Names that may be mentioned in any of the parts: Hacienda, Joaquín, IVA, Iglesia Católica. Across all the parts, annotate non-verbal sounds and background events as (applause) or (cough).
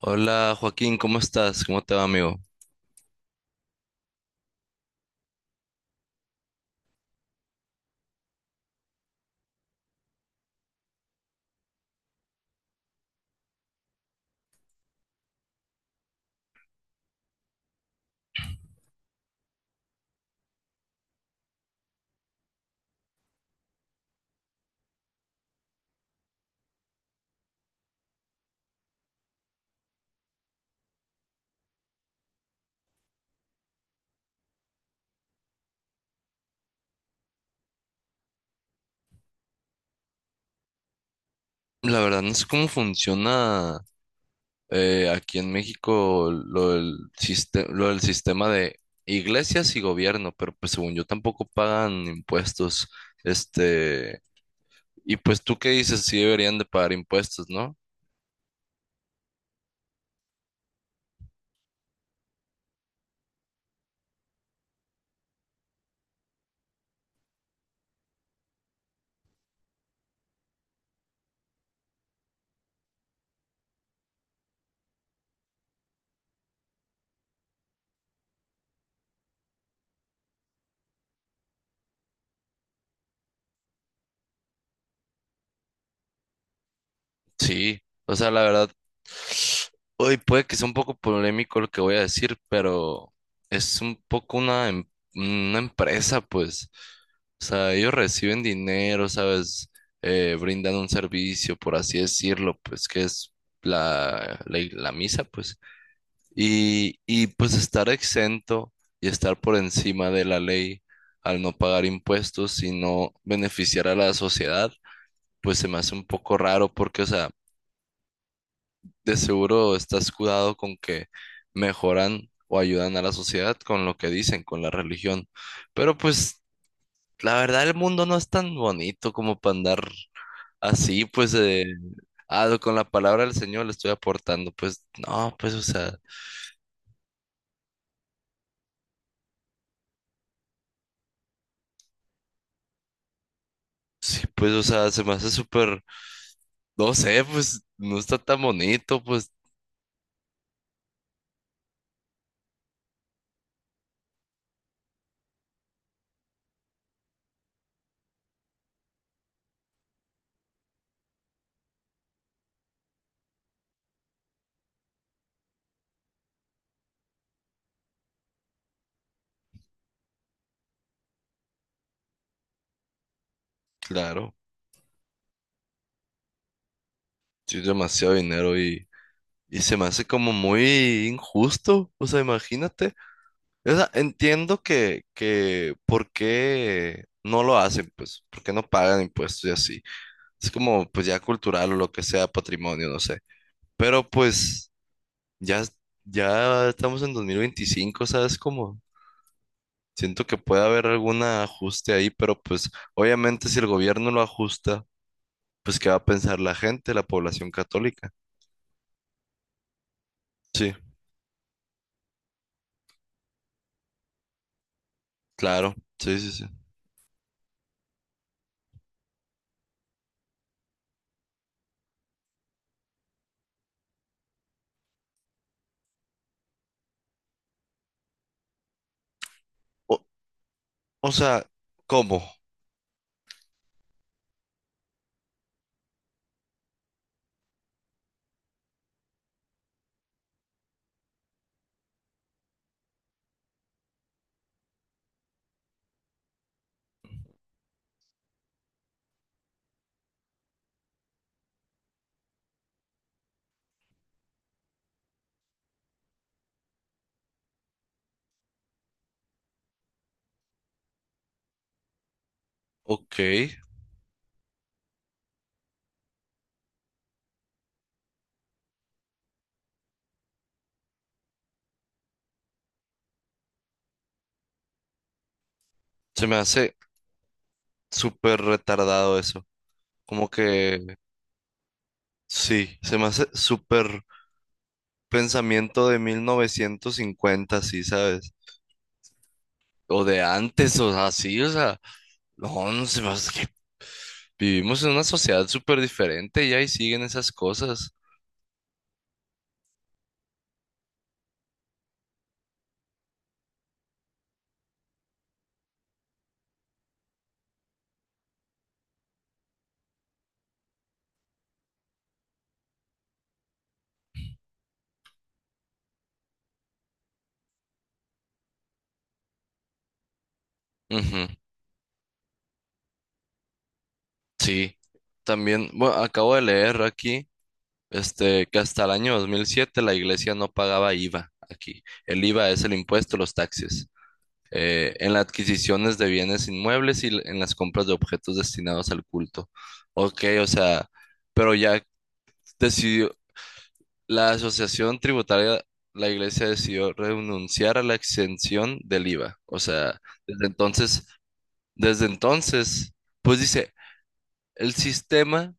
Hola Joaquín, ¿cómo estás? ¿Cómo te va, amigo? La verdad no sé cómo funciona, aquí en México lo lo del sistema de iglesias y gobierno, pero pues según yo tampoco pagan impuestos. Este, y pues tú qué dices, sí deberían de pagar impuestos, ¿no? Sí, o sea, la verdad, hoy puede que sea un poco polémico lo que voy a decir, pero es un poco una empresa, pues. O sea, ellos reciben dinero, ¿sabes? Brindan un servicio, por así decirlo, pues que es la misa, pues. Y pues estar exento y estar por encima de la ley al no pagar impuestos y no beneficiar a la sociedad, pues se me hace un poco raro porque, o sea, de seguro está escudado con que mejoran o ayudan a la sociedad con lo que dicen, con la religión. Pero pues la verdad el mundo no es tan bonito como para andar así, pues con la palabra del Señor le estoy aportando, pues no, pues o sea, sí, pues o sea, se me hace súper, no sé, pues no está tan bonito, pues claro, sí, demasiado dinero y se me hace como muy injusto, o sea, imagínate. O sea, entiendo que por qué no lo hacen, pues, por qué no pagan impuestos y así. Es como, pues, ya cultural o lo que sea, patrimonio, no sé. Pero, pues, ya, es- ya estamos en 2025, ¿sabes? Como, siento que puede haber algún ajuste ahí, pero, pues, obviamente si el gobierno lo ajusta, pues, ¿qué va a pensar la gente, la población católica? Sí, claro, sí, sí, sí. O, o sea, ¿cómo? Ok, se me hace súper retardado eso. Como que sí, se me hace súper pensamiento de 1950, sí, ¿sabes? O de antes, o así, o sea, no, no se me hace, que vivimos en una sociedad súper diferente ya y ahí siguen esas cosas. Ujú. Sí, también, bueno, acabo de leer aquí, que hasta el año 2007 la iglesia no pagaba IVA aquí. El IVA es el impuesto a los taxis. En las adquisiciones de bienes inmuebles y en las compras de objetos destinados al culto. Ok, o sea, pero ya decidió, la asociación tributaria, la iglesia decidió renunciar a la exención del IVA. O sea, desde entonces, desde entonces, pues dice, el sistema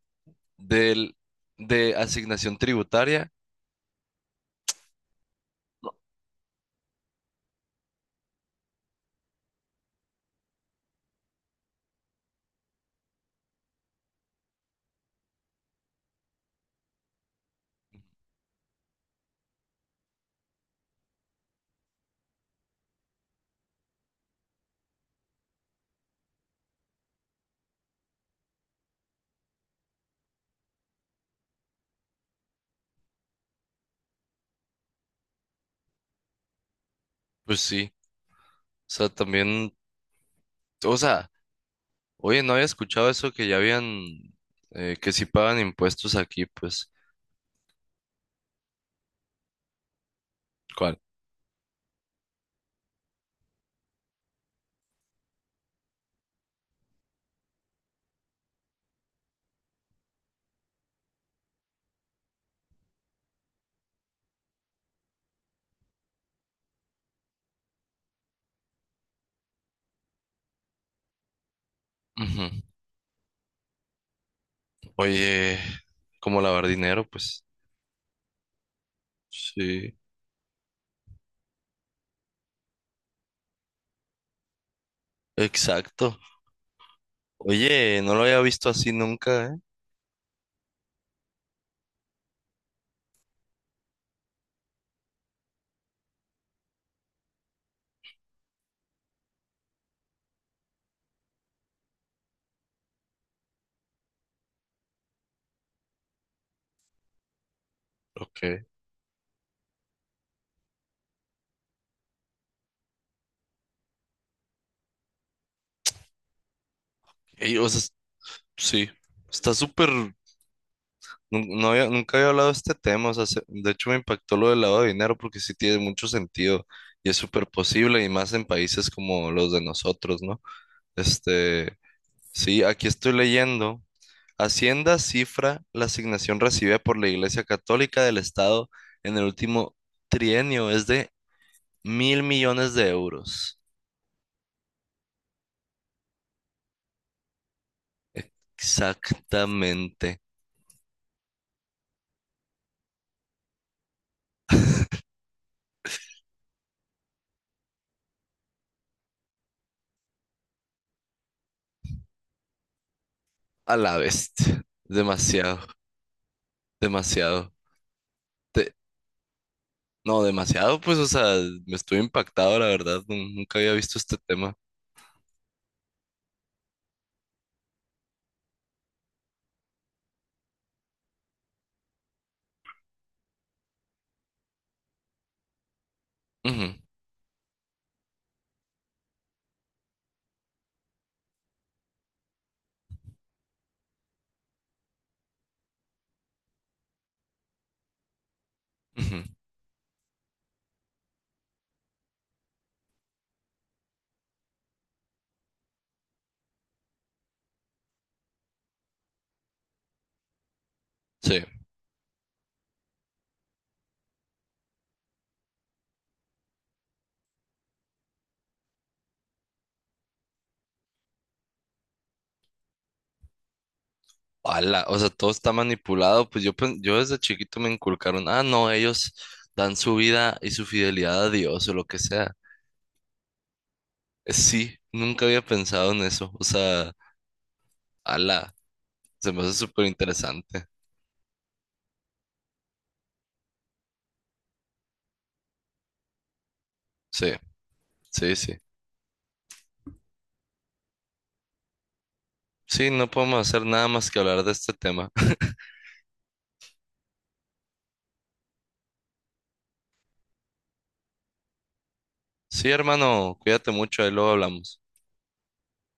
del, de asignación tributaria, pues sí, o sea, también, o sea, oye, no había escuchado eso que ya habían, que sí pagan impuestos aquí, pues. ¿Cuál? Ujú. Oye, como lavar dinero, pues. Sí, exacto. Oye, no lo había visto así nunca, ¿eh? Ok. Ey, o sea, sí, está súper... No nunca había hablado de este tema, o sea, de hecho me impactó lo del lavado de dinero porque sí tiene mucho sentido y es súper posible y más en países como los de nosotros, ¿no? Este, Sí, aquí estoy leyendo. Hacienda cifra la asignación recibida por la Iglesia Católica del Estado en el último trienio es de 1.000 millones de euros. Exactamente. A la bestia. Demasiado, demasiado. Te- no, demasiado, pues, o sea, me estoy impactado, la verdad. Nunca había visto este tema. Ujú, ujú. Sí. Ala, o sea, todo está manipulado. Pues yo, yo desde chiquito me inculcaron, ah, no, ellos dan su vida y su fidelidad a Dios o lo que sea. Sí, nunca había pensado en eso. O sea, ala, se me hace súper interesante. Sí, sí, sí. Sí, no podemos hacer nada más que hablar de este tema. (laughs) Sí, hermano, cuídate mucho, ahí luego hablamos.